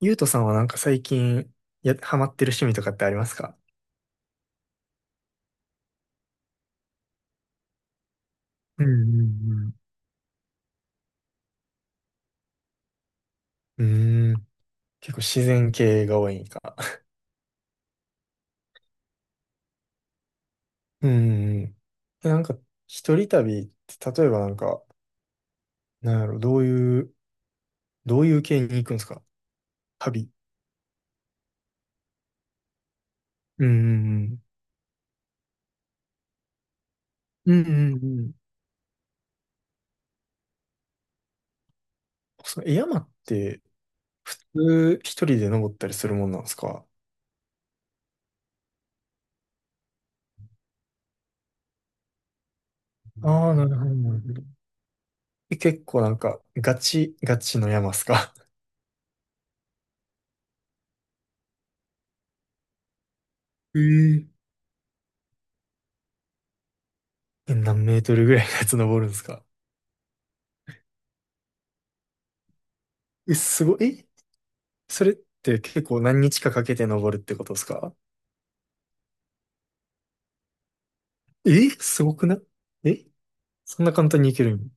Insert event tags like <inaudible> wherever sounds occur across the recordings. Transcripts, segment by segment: ゆうとさんはなんか最近、や、ハマってる趣味とかってありますか？うんうんうん。うーん。結構自然系が多いんか。<laughs> うんうんうん。なんか、一人旅って、例えばなんか、なんやろ、どういう系に行くんですか、旅？うんうんうん。うんうんうん。その、山って、普通一人で登ったりするもんなんですか？ああー、なるほど、なるほど。結構なんか、ガチの山っすか？え。 <laughs> えー。何メートルぐらいのやつ登るんですか？え、すごい。それって結構何日かかけて登るってことですか？え、すごくない？え、そんな簡単に行けるん？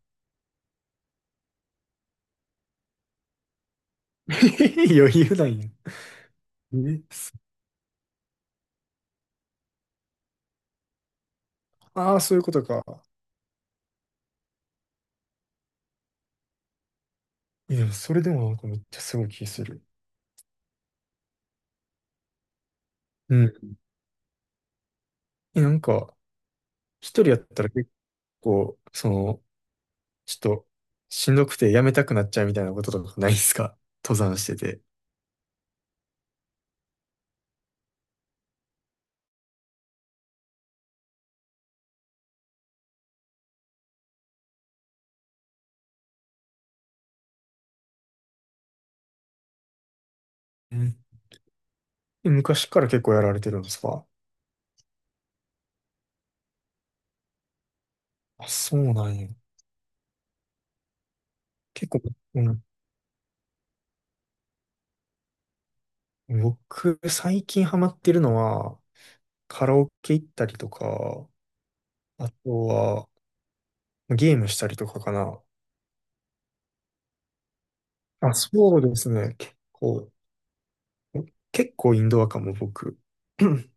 <laughs> 余裕なんや。え、すああ、そういうことか。でもそれでもなんかめっちゃすごい気する。うん。なんか、一人やったら結構、その、ちょっと、しんどくてやめたくなっちゃうみたいなこととかないですか、登山してて？うん。昔から結構やられてるんですか？あ、そうなんや。結構、うん。僕、最近ハマってるのは、カラオケ行ったりとか、あとは、ゲームしたりとかかな。あ、そうですね。結構インドアかも、僕。<clears throat> う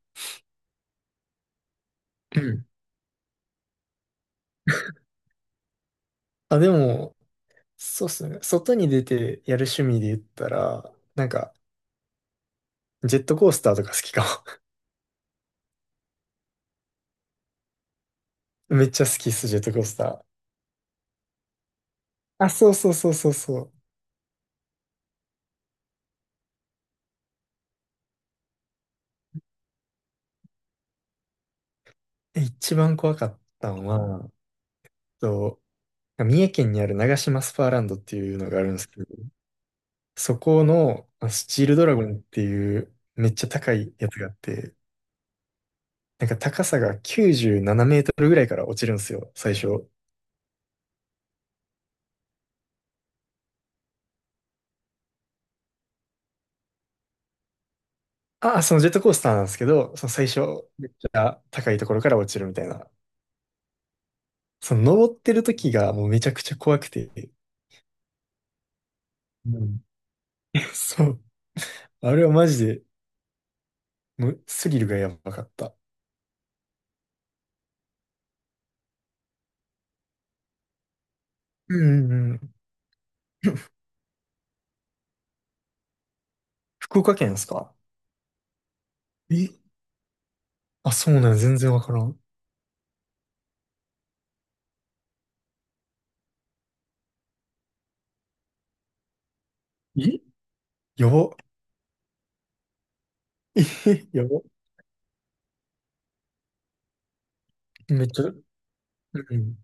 ん。あ、でも、そうっすね。外に出てやる趣味で言ったら、なんか、ジェットコースターとか好きかも。<laughs> めっちゃ好きっす、ジェットコースター。あ、そうそうそうそうそう。一番怖かったのは、と、三重県にある長島スパーランドっていうのがあるんですけど、そこのスチールドラゴンっていうめっちゃ高いやつがあって、なんか高さが97メートルぐらいから落ちるんですよ、最初。ああ、そのジェットコースターなんですけど、その最初、高いところから落ちるみたいな。その登ってる時がもうめちゃくちゃ怖くて。うん。 <laughs> そう。あれはマジで、もうスリルがやばかった。うんうんうん。福岡県ですか？えあ、そうなん、全然わからん。えやば。<laughs> えやば。<laughs> めっちゃ、うん。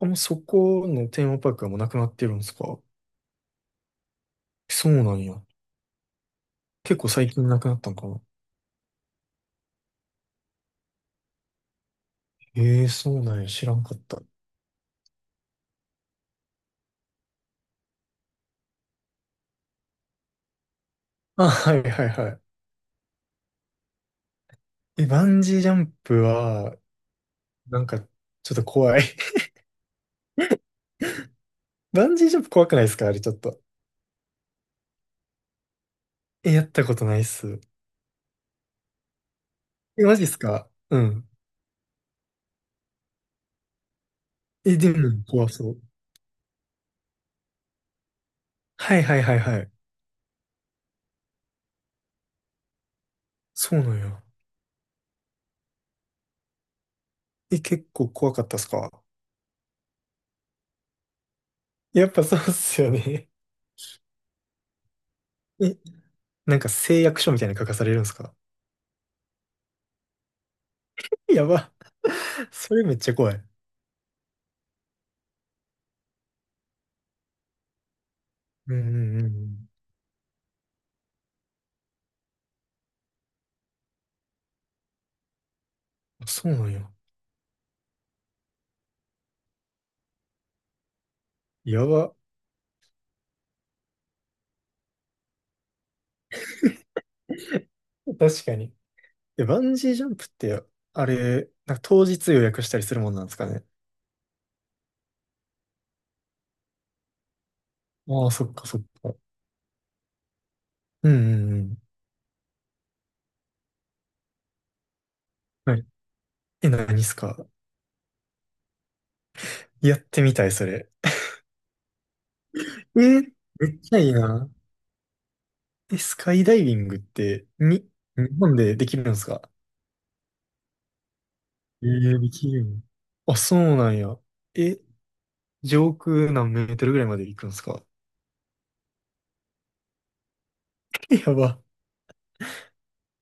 あ、もうそこのテーマパークはもうなくなってるんですか？そうなんや。結構最近なくなったんかな？ええ、そうなんや。知らんかった。あ、はいはいはい。バンジージャンプは、なんか、ちょっと怖い。<laughs> バンジージャンプ怖くないですか、あれちょっと？やったことないっす。え、マジっすか？うん。え、でも怖そう。はいはいはいはい。そうなんや。結構怖かったっすか？やっぱそうっすよね。<laughs> え、なんか誓約書みたいに書かされるんですか？ <laughs> やば。<laughs> それめっちゃ怖い。うんうんうん。あ、そうなんや。やば。確かに。バンジージャンプって、あれ、なんか当日予約したりするもんなんですかね？ああ、そっかそっか。うんうんうん。はい。え、何っすか？やってみたい、それ。えー、めっちゃいいな。スカイダイビングって、に、日本でできるんですか？えー、できるん？あ、そうなんや。え、上空何メートルぐらいまで行くんですか？え、やば。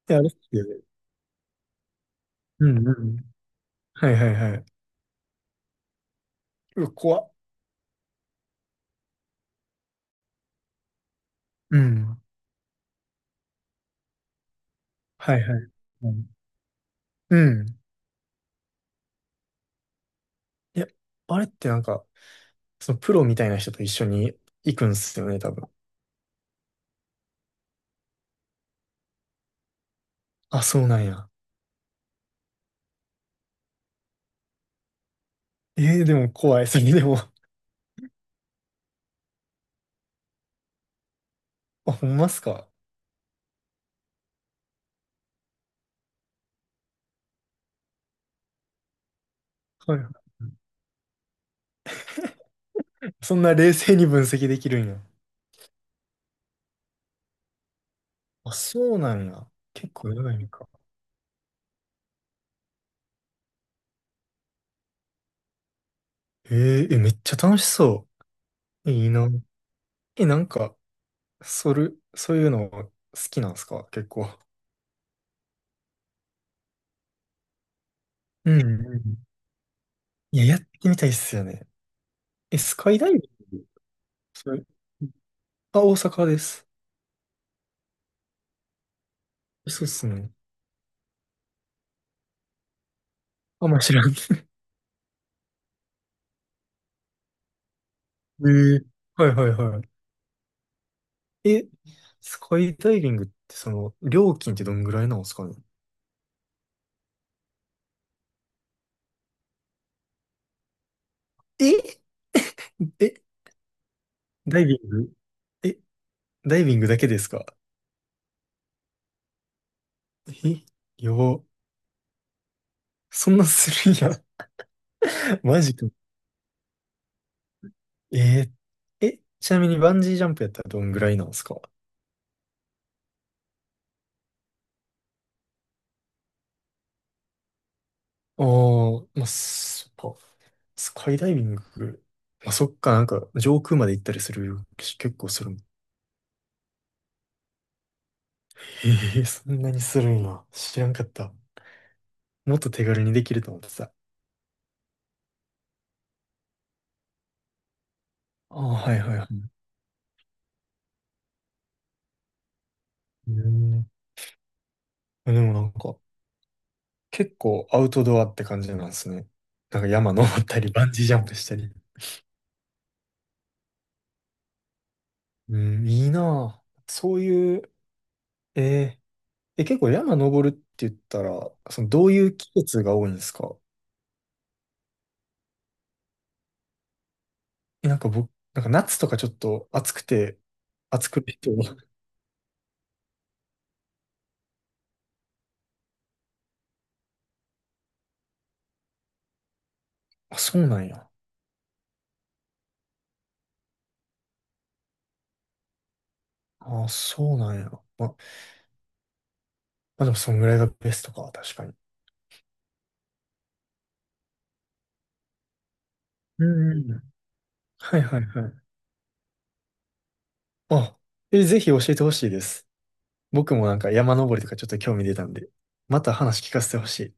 え、あれっすよね？うんうん。はいはいはい。うわ、怖っ。うん。はいはい。うん。うん。いや、あれってなんか、そのプロみたいな人と一緒に行くんすよね、多分。あ、そうなんや。えー、でも怖い、それでも。<laughs> あ、ほんまっすか？はいはい。そんな冷静に分析できるんや。あ、そうなんや。結構やばいんか。えー、めっちゃ楽しそう。いいな。なんか、それ、そういうの好きなんすか、結構？うんうん。いや、やってみたいっすよね。え、スカイダイビングそれ、あ、大阪です。そうっすね。あんま知らん。<laughs> ええ、はいはいはい。スカイダイビングってその、料金ってどんぐらいなんですかね？ええ、ダイビングえ、ダイビングだけですか？え、やば。そんなするんや。<laughs> マジか。えー。ちなみにバンジージャンプやったらどんぐらいなんですか？ああー、まあ、そっか。スカイダイビング。まあ、そっか、なんか、上空まで行ったりするし、結構するもん。ええ、そんなにするんや。知らんかった。もっと手軽にできると思ってさ。ああ、はいはいはい。うん。でもなんか、結構アウトドアって感じなんですね。なんか山登ったり、バンジージャンプしたり。うん、いいなぁ。そういう、えーえ、結構山登るって言ったら、そのどういう季節が多いんですか？なんか僕、なんか夏とかちょっと暑くて、暑くて、<laughs> あ、そうなんや。あ、そうなんや。まあでもそんぐらいがベストか、確かに。うんうんうん。はいはいはい。あ、ぜひ教えてほしいです。僕もなんか山登りとかちょっと興味出たんで、また話聞かせてほしい。